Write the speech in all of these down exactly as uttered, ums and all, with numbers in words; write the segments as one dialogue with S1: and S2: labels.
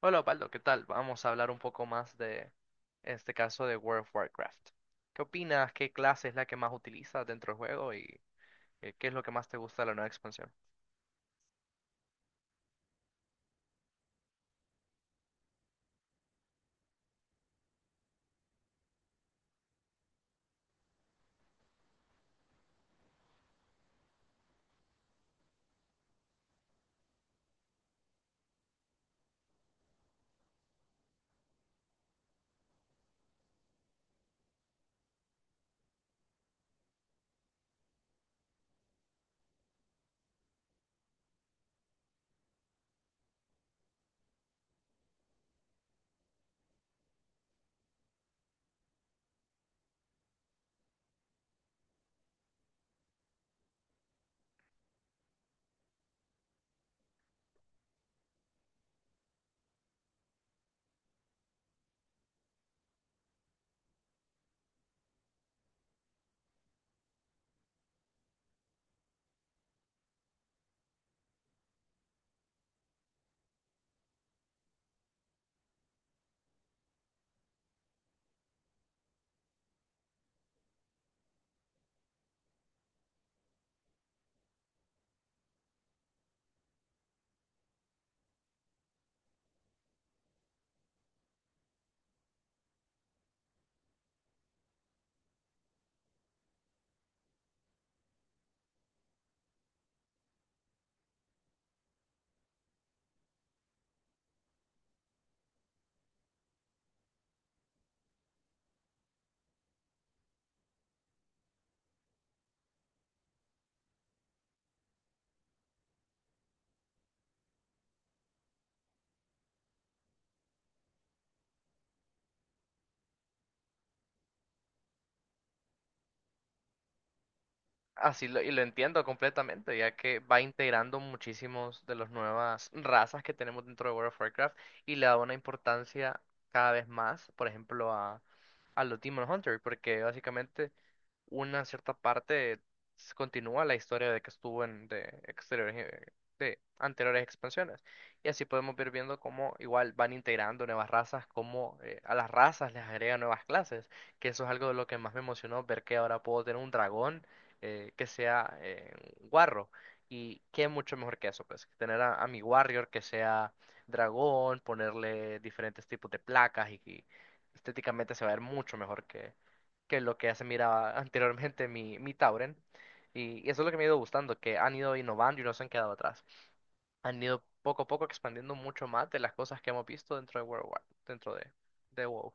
S1: Hola Osvaldo, ¿qué tal? Vamos a hablar un poco más de en este caso de World of Warcraft. ¿Qué opinas? ¿Qué clase es la que más utilizas dentro del juego y eh, qué es lo que más te gusta de la nueva expansión? Así lo, y lo entiendo completamente, ya que va integrando muchísimos de las nuevas razas que tenemos dentro de World of Warcraft y le da una importancia cada vez más, por ejemplo, a, a los Demon Hunter, porque básicamente una cierta parte s- continúa la historia de que estuvo en de exteriores eh, de anteriores expansiones. Y así podemos ir viendo cómo igual van integrando nuevas razas, cómo eh, a las razas les agregan nuevas clases, que eso es algo de lo que más me emocionó, ver que ahora puedo tener un dragón eh, que sea eh, un guarro. Y qué mucho mejor que eso, pues, tener a, a mi warrior que sea dragón, ponerle diferentes tipos de placas y, y estéticamente se va a ver mucho mejor que es lo que ya se miraba anteriormente mi, mi Tauren. Y, y eso es lo que me ha ido gustando, que han ido innovando y no se han quedado atrás. Han ido poco a poco expandiendo mucho más de las cosas que hemos visto dentro de World War, dentro de, de WoW.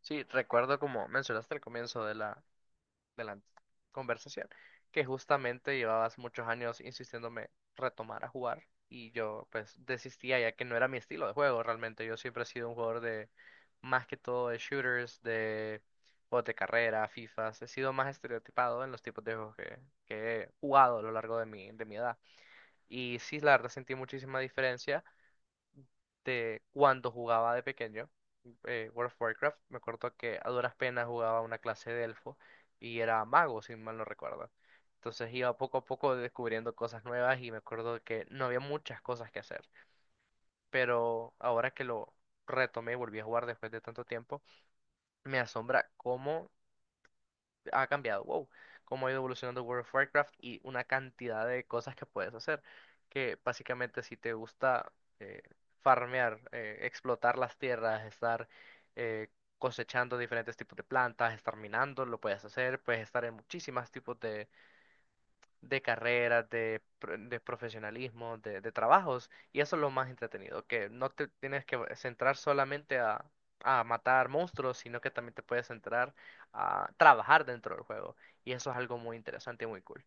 S1: Sí, recuerdo como mencionaste al comienzo de la, de la conversación, que justamente llevabas muchos años insistiéndome retomar a jugar y yo pues desistía ya que no era mi estilo de juego realmente. Yo siempre he sido un jugador de más que todo de shooters, de juegos de carrera, FIFAs. He sido más estereotipado en los tipos de juegos que, que he jugado a lo largo de mi, de mi edad. Y sí, la verdad sentí muchísima diferencia de cuando jugaba de pequeño eh, World of Warcraft. Me acuerdo que a duras penas jugaba una clase de elfo y era mago, si mal no recuerdo. Entonces iba poco a poco descubriendo cosas nuevas y me acuerdo que no había muchas cosas que hacer. Pero ahora que lo retomé y volví a jugar después de tanto tiempo, me asombra cómo ha cambiado, wow, cómo ha ido evolucionando World of Warcraft y una cantidad de cosas que puedes hacer. Que básicamente si te gusta eh, farmear, eh, explotar las tierras, estar eh, cosechando diferentes tipos de plantas, estar minando, lo puedes hacer, puedes estar en muchísimos tipos de carreras, de, pro- de profesionalismo, de, de trabajos, y eso es lo más entretenido, que no te tienes que centrar solamente a, a matar monstruos, sino que también te puedes centrar a trabajar dentro del juego, y eso es algo muy interesante y muy cool.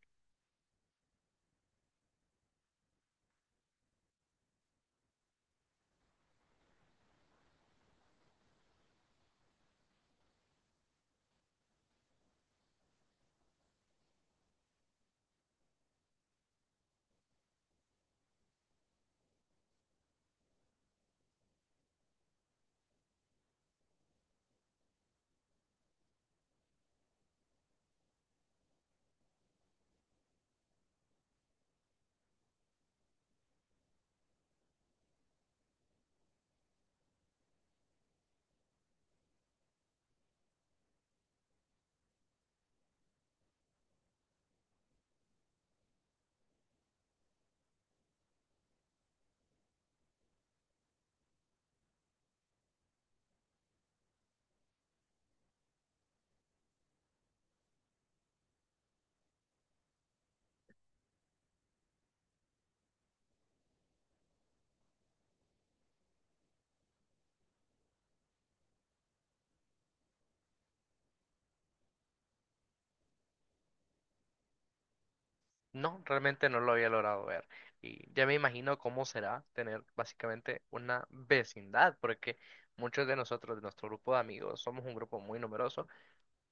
S1: No, realmente no lo había logrado ver, y ya me imagino cómo será tener básicamente una vecindad, porque muchos de nosotros, de nuestro grupo de amigos, somos un grupo muy numeroso,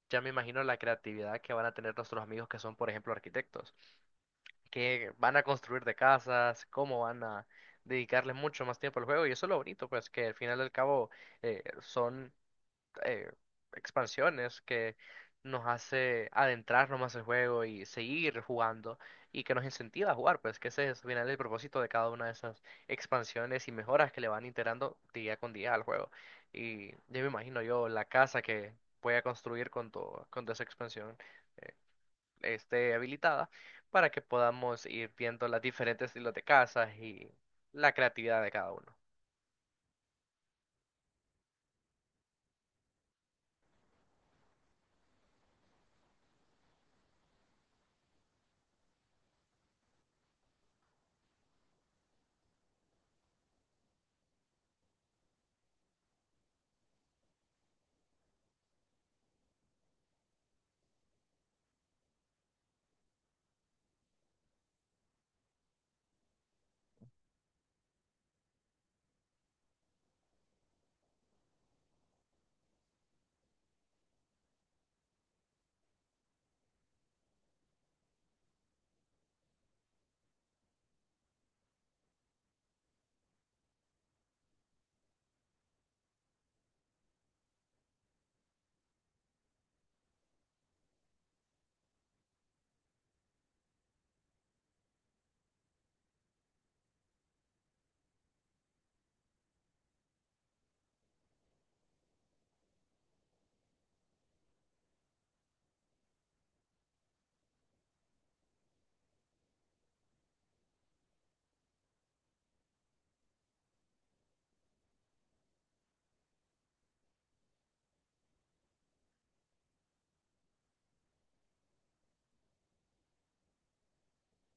S1: ya me imagino la creatividad que van a tener nuestros amigos que son, por ejemplo, arquitectos qué van a construir de casas, cómo van a dedicarle mucho más tiempo al juego. Y eso es lo bonito, pues que al final y al cabo eh, son eh, expansiones que nos hace adentrarnos más al juego y seguir jugando y que nos incentiva a jugar, pues que ese es al final el propósito de cada una de esas expansiones y mejoras que le van integrando día con día al juego. Y ya me imagino yo la casa que voy a construir con tu, con tu esa expansión esté habilitada para que podamos ir viendo las diferentes estilos de casas y la creatividad de cada uno.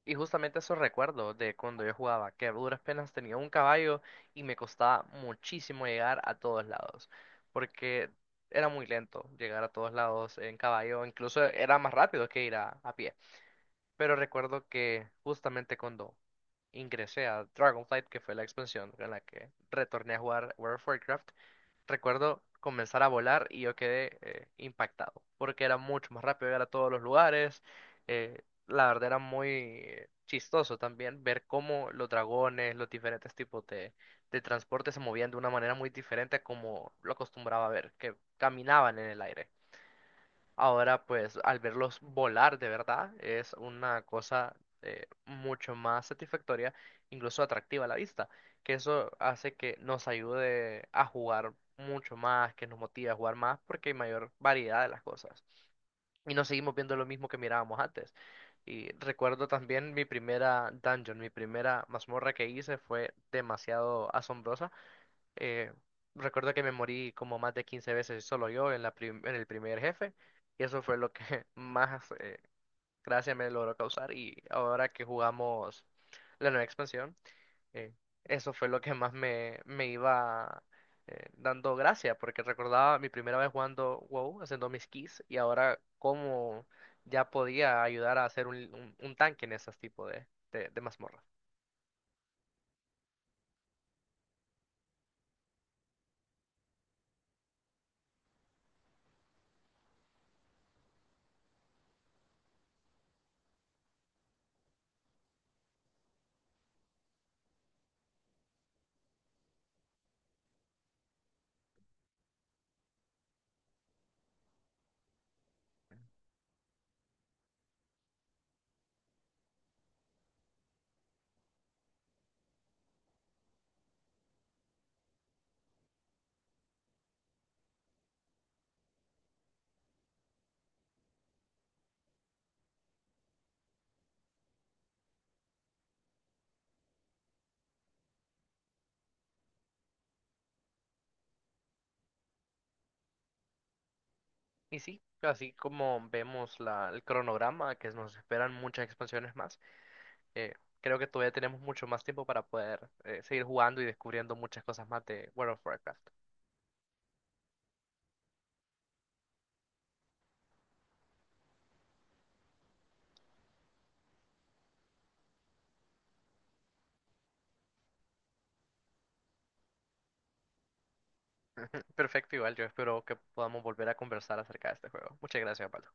S1: Y justamente eso recuerdo de cuando yo jugaba, que a duras penas tenía un caballo y me costaba muchísimo llegar a todos lados, porque era muy lento llegar a todos lados en caballo, incluso era más rápido que ir a, a pie. Pero recuerdo que justamente cuando ingresé a Dragonflight, que fue la expansión en la que retorné a jugar World of Warcraft, recuerdo comenzar a volar y yo quedé eh, impactado, porque era mucho más rápido llegar a todos los lugares. Eh, la verdad era muy eh, chistoso también ver cómo los dragones, los diferentes tipos de, de transporte se movían de una manera muy diferente a como lo acostumbraba a ver, que caminaban en el aire. Ahora, pues, al verlos volar de verdad, es una cosa eh, mucho más satisfactoria, incluso atractiva a la vista, que eso hace que nos ayude a jugar mucho más, que nos motive a jugar más, porque hay mayor variedad de las cosas. Y no seguimos viendo lo mismo que mirábamos antes. Y recuerdo también mi primera dungeon, mi primera mazmorra que hice fue demasiado asombrosa eh, recuerdo que me morí como más de quince veces solo yo en la prim- en el primer jefe. Y eso fue lo que más eh, gracia me logró causar. Y ahora que jugamos la nueva expansión, eh, eso fue lo que más me, me iba eh, dando gracia. Porque recordaba mi primera vez jugando WoW, haciendo mis keys. Y ahora cómo ya podía ayudar a hacer un, un- un tanque en esos tipos de, de, de mazmorras. Y sí, así como vemos la, el cronograma, que nos esperan muchas expansiones más, eh, creo que todavía tenemos mucho más tiempo para poder eh, seguir jugando y descubriendo muchas cosas más de World of Warcraft. Perfecto, igual yo espero que podamos volver a conversar acerca de este juego. Muchas gracias, Pablo.